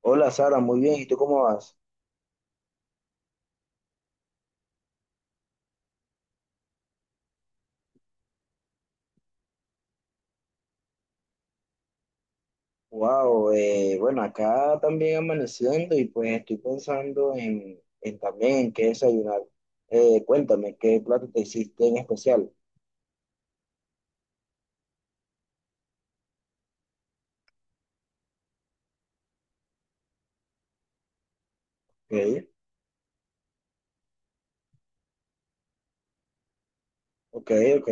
Hola Sara, muy bien. ¿Y tú cómo vas? Wow, bueno, acá también amaneciendo y pues estoy pensando en también en qué desayunar. Cuéntame, ¿qué plato te hiciste en especial? Ok, ok, ok.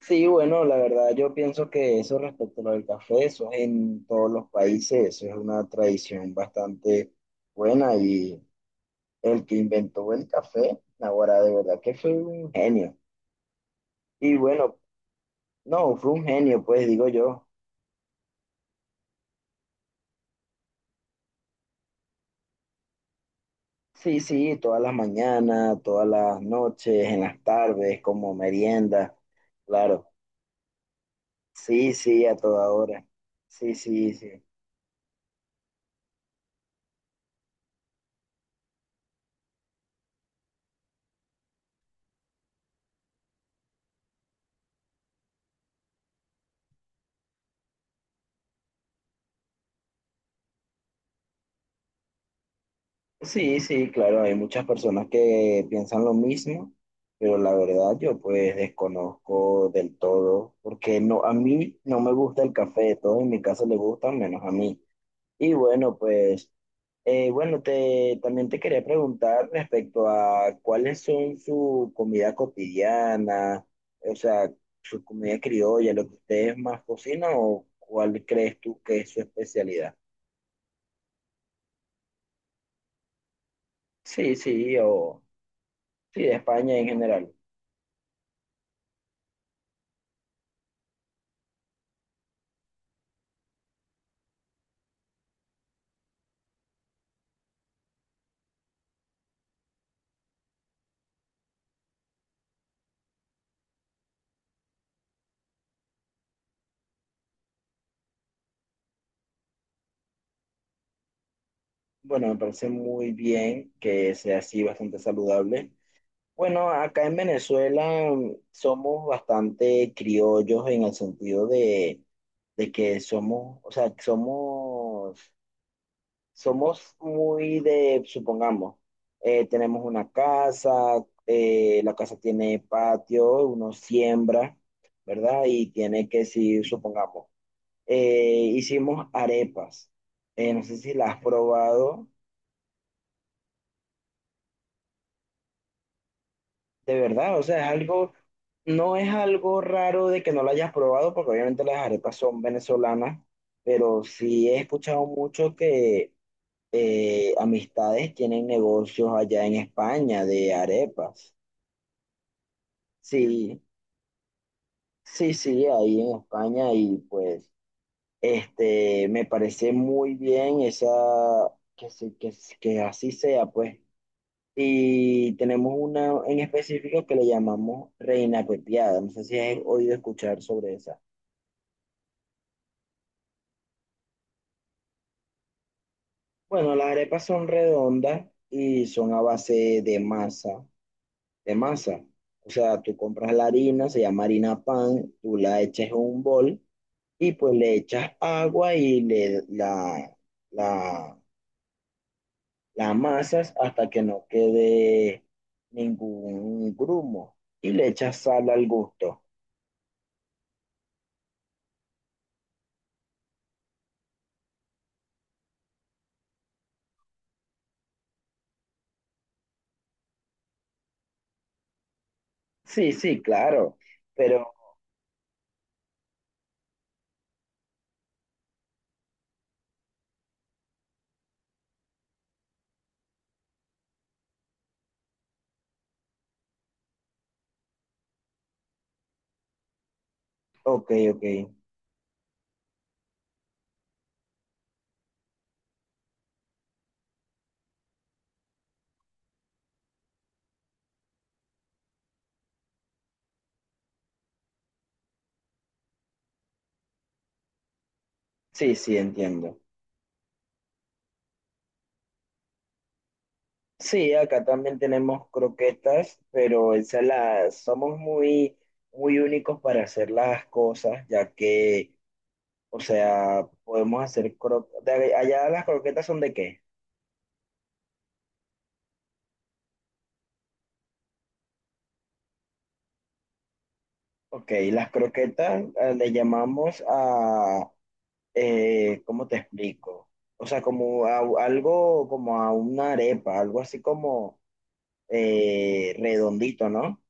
Sí, bueno, la verdad yo pienso que eso respecto a lo del café, eso es en todos los países, eso es una tradición bastante buena, y el que inventó el café, ahora de verdad que fue un genio. Y bueno, no, fue un genio, pues digo yo. Sí, sí, todas las mañanas, todas las noches, en las tardes, como merienda, claro. Sí, sí, a toda hora. Sí, sí, sí. Sí, sí, claro, hay muchas personas que piensan lo mismo, pero la verdad yo pues desconozco del todo, porque no, a mí no me gusta el café, todos en mi casa le gustan menos a mí. Y bueno, pues... bueno, también te quería preguntar respecto a cuáles son su comida cotidiana, o sea, su comida criolla, lo que ustedes más cocinan, o cuál crees tú que es su especialidad. Sí, sí, o sí, de España en general. Bueno, me parece muy bien que sea así, bastante saludable. Bueno, acá en Venezuela, somos bastante criollos en el sentido de que somos, o sea, somos muy de, supongamos, tenemos una casa, la casa tiene patio, uno siembra, ¿verdad? Y tiene que, si supongamos, hicimos arepas. No sé si las has probado, de verdad, o sea, es algo, no es algo raro de que no lo hayas probado, porque obviamente las arepas son venezolanas, pero sí he escuchado mucho que amistades tienen negocios allá en España de arepas. Sí, sí, sí, ahí en España, y pues este me parece muy bien esa que así sea, pues. Y tenemos una en específico que le llamamos reina pepiada. No sé si has oído escuchar sobre esa. Bueno, las arepas son redondas y son a base de masa, de masa. O sea, tú compras la harina, se llama harina pan, tú la echas en un bol, y pues le echas agua y le la, la amasas hasta que no quede ningún grumo, y le echas sal al gusto. Sí, sí, claro, pero ok, ok, sí, sí, entiendo. Sí, acá también tenemos croquetas, pero esa somos muy, muy únicos para hacer las cosas, ya que, o sea, podemos hacer croquetas. ¿Allá las croquetas son de qué? Ok, las croquetas le llamamos a, ¿cómo te explico? O sea, como a, algo, como a una arepa, algo así como redondito, ¿no?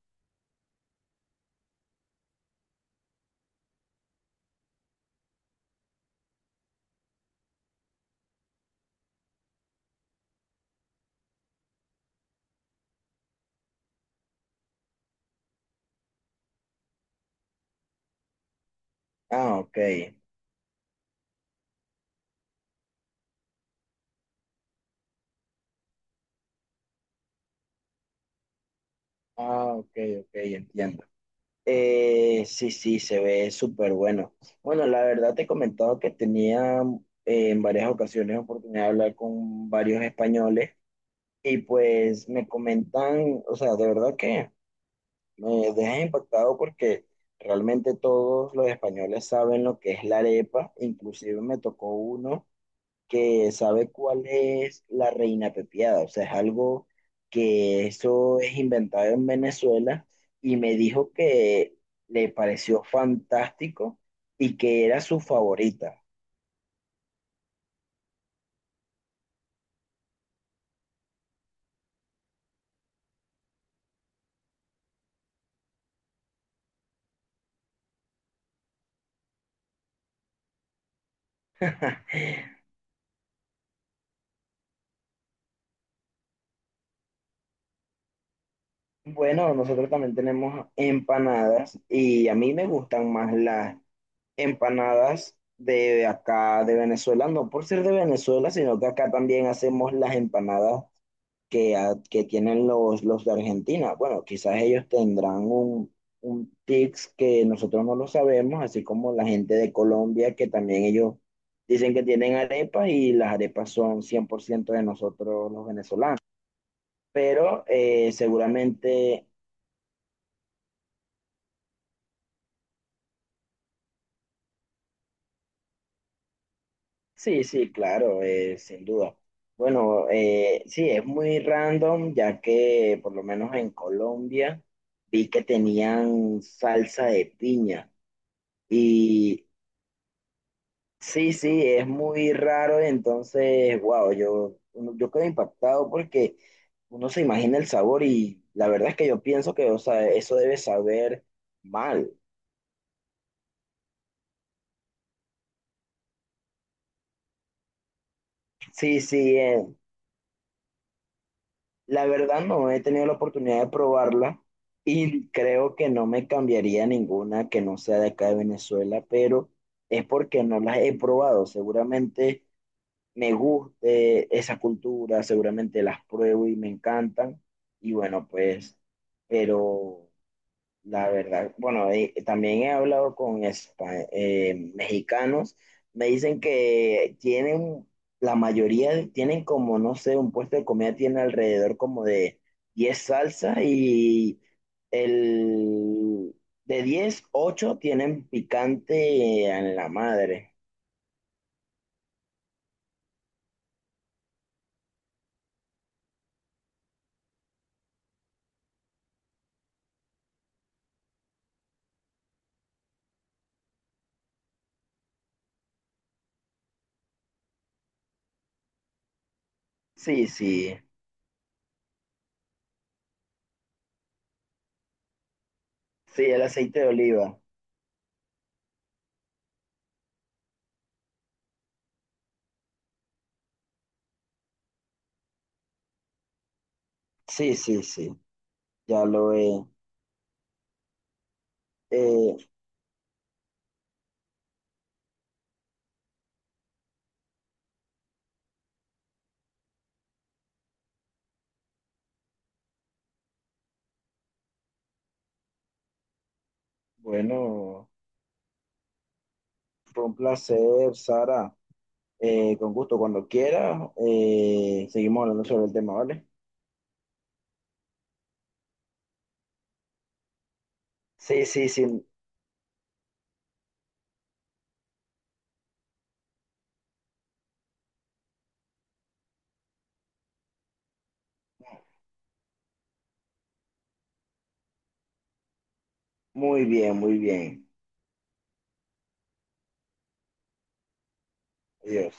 Ah, ok. Ah, ok, ok, entiendo. Sí, sí, se ve súper bueno. Bueno, la verdad te he comentado que tenía en varias ocasiones oportunidad de hablar con varios españoles, y pues me comentan, o sea, de verdad que... Me deja impactado porque realmente todos los españoles saben lo que es la arepa, inclusive me tocó uno que sabe cuál es la reina pepiada, o sea, es algo que eso es inventado en Venezuela, y me dijo que le pareció fantástico y que era su favorita. Bueno, nosotros también tenemos empanadas, y a mí me gustan más las empanadas de acá de Venezuela, no por ser de Venezuela, sino que acá también hacemos las empanadas que, que tienen los de Argentina. Bueno, quizás ellos tendrán un tics que nosotros no lo sabemos, así como la gente de Colombia, que también ellos dicen que tienen arepas, y las arepas son 100% de nosotros los venezolanos. Pero seguramente. Sí, sí, claro, sin duda. Bueno, sí, es muy random, ya que por lo menos en Colombia vi que tenían salsa de piña. Y sí, sí, es muy raro, entonces, wow, yo quedo impactado porque uno se imagina el sabor, y la verdad es que yo pienso que, o sea, eso debe saber mal. Sí, sí, la verdad no he tenido la oportunidad de probarla, y creo que no me cambiaría ninguna que no sea de acá de Venezuela, pero es porque no las he probado. Seguramente me guste esa cultura, seguramente las pruebo y me encantan. Y bueno, pues, pero... La verdad, bueno, también he hablado con mexicanos, me dicen que tienen, tienen como, no sé, un puesto de comida tiene alrededor como de 10 salsas, y el de 10, 8 tienen picante en la madre. Sí, sí, sí, el aceite de oliva. Sí, sí, sí, ya lo he. Eh, bueno, fue un placer, Sara. Con gusto, cuando quiera, seguimos hablando sobre el tema, ¿vale? Sí, sí, sí, muy bien, muy bien. Adiós.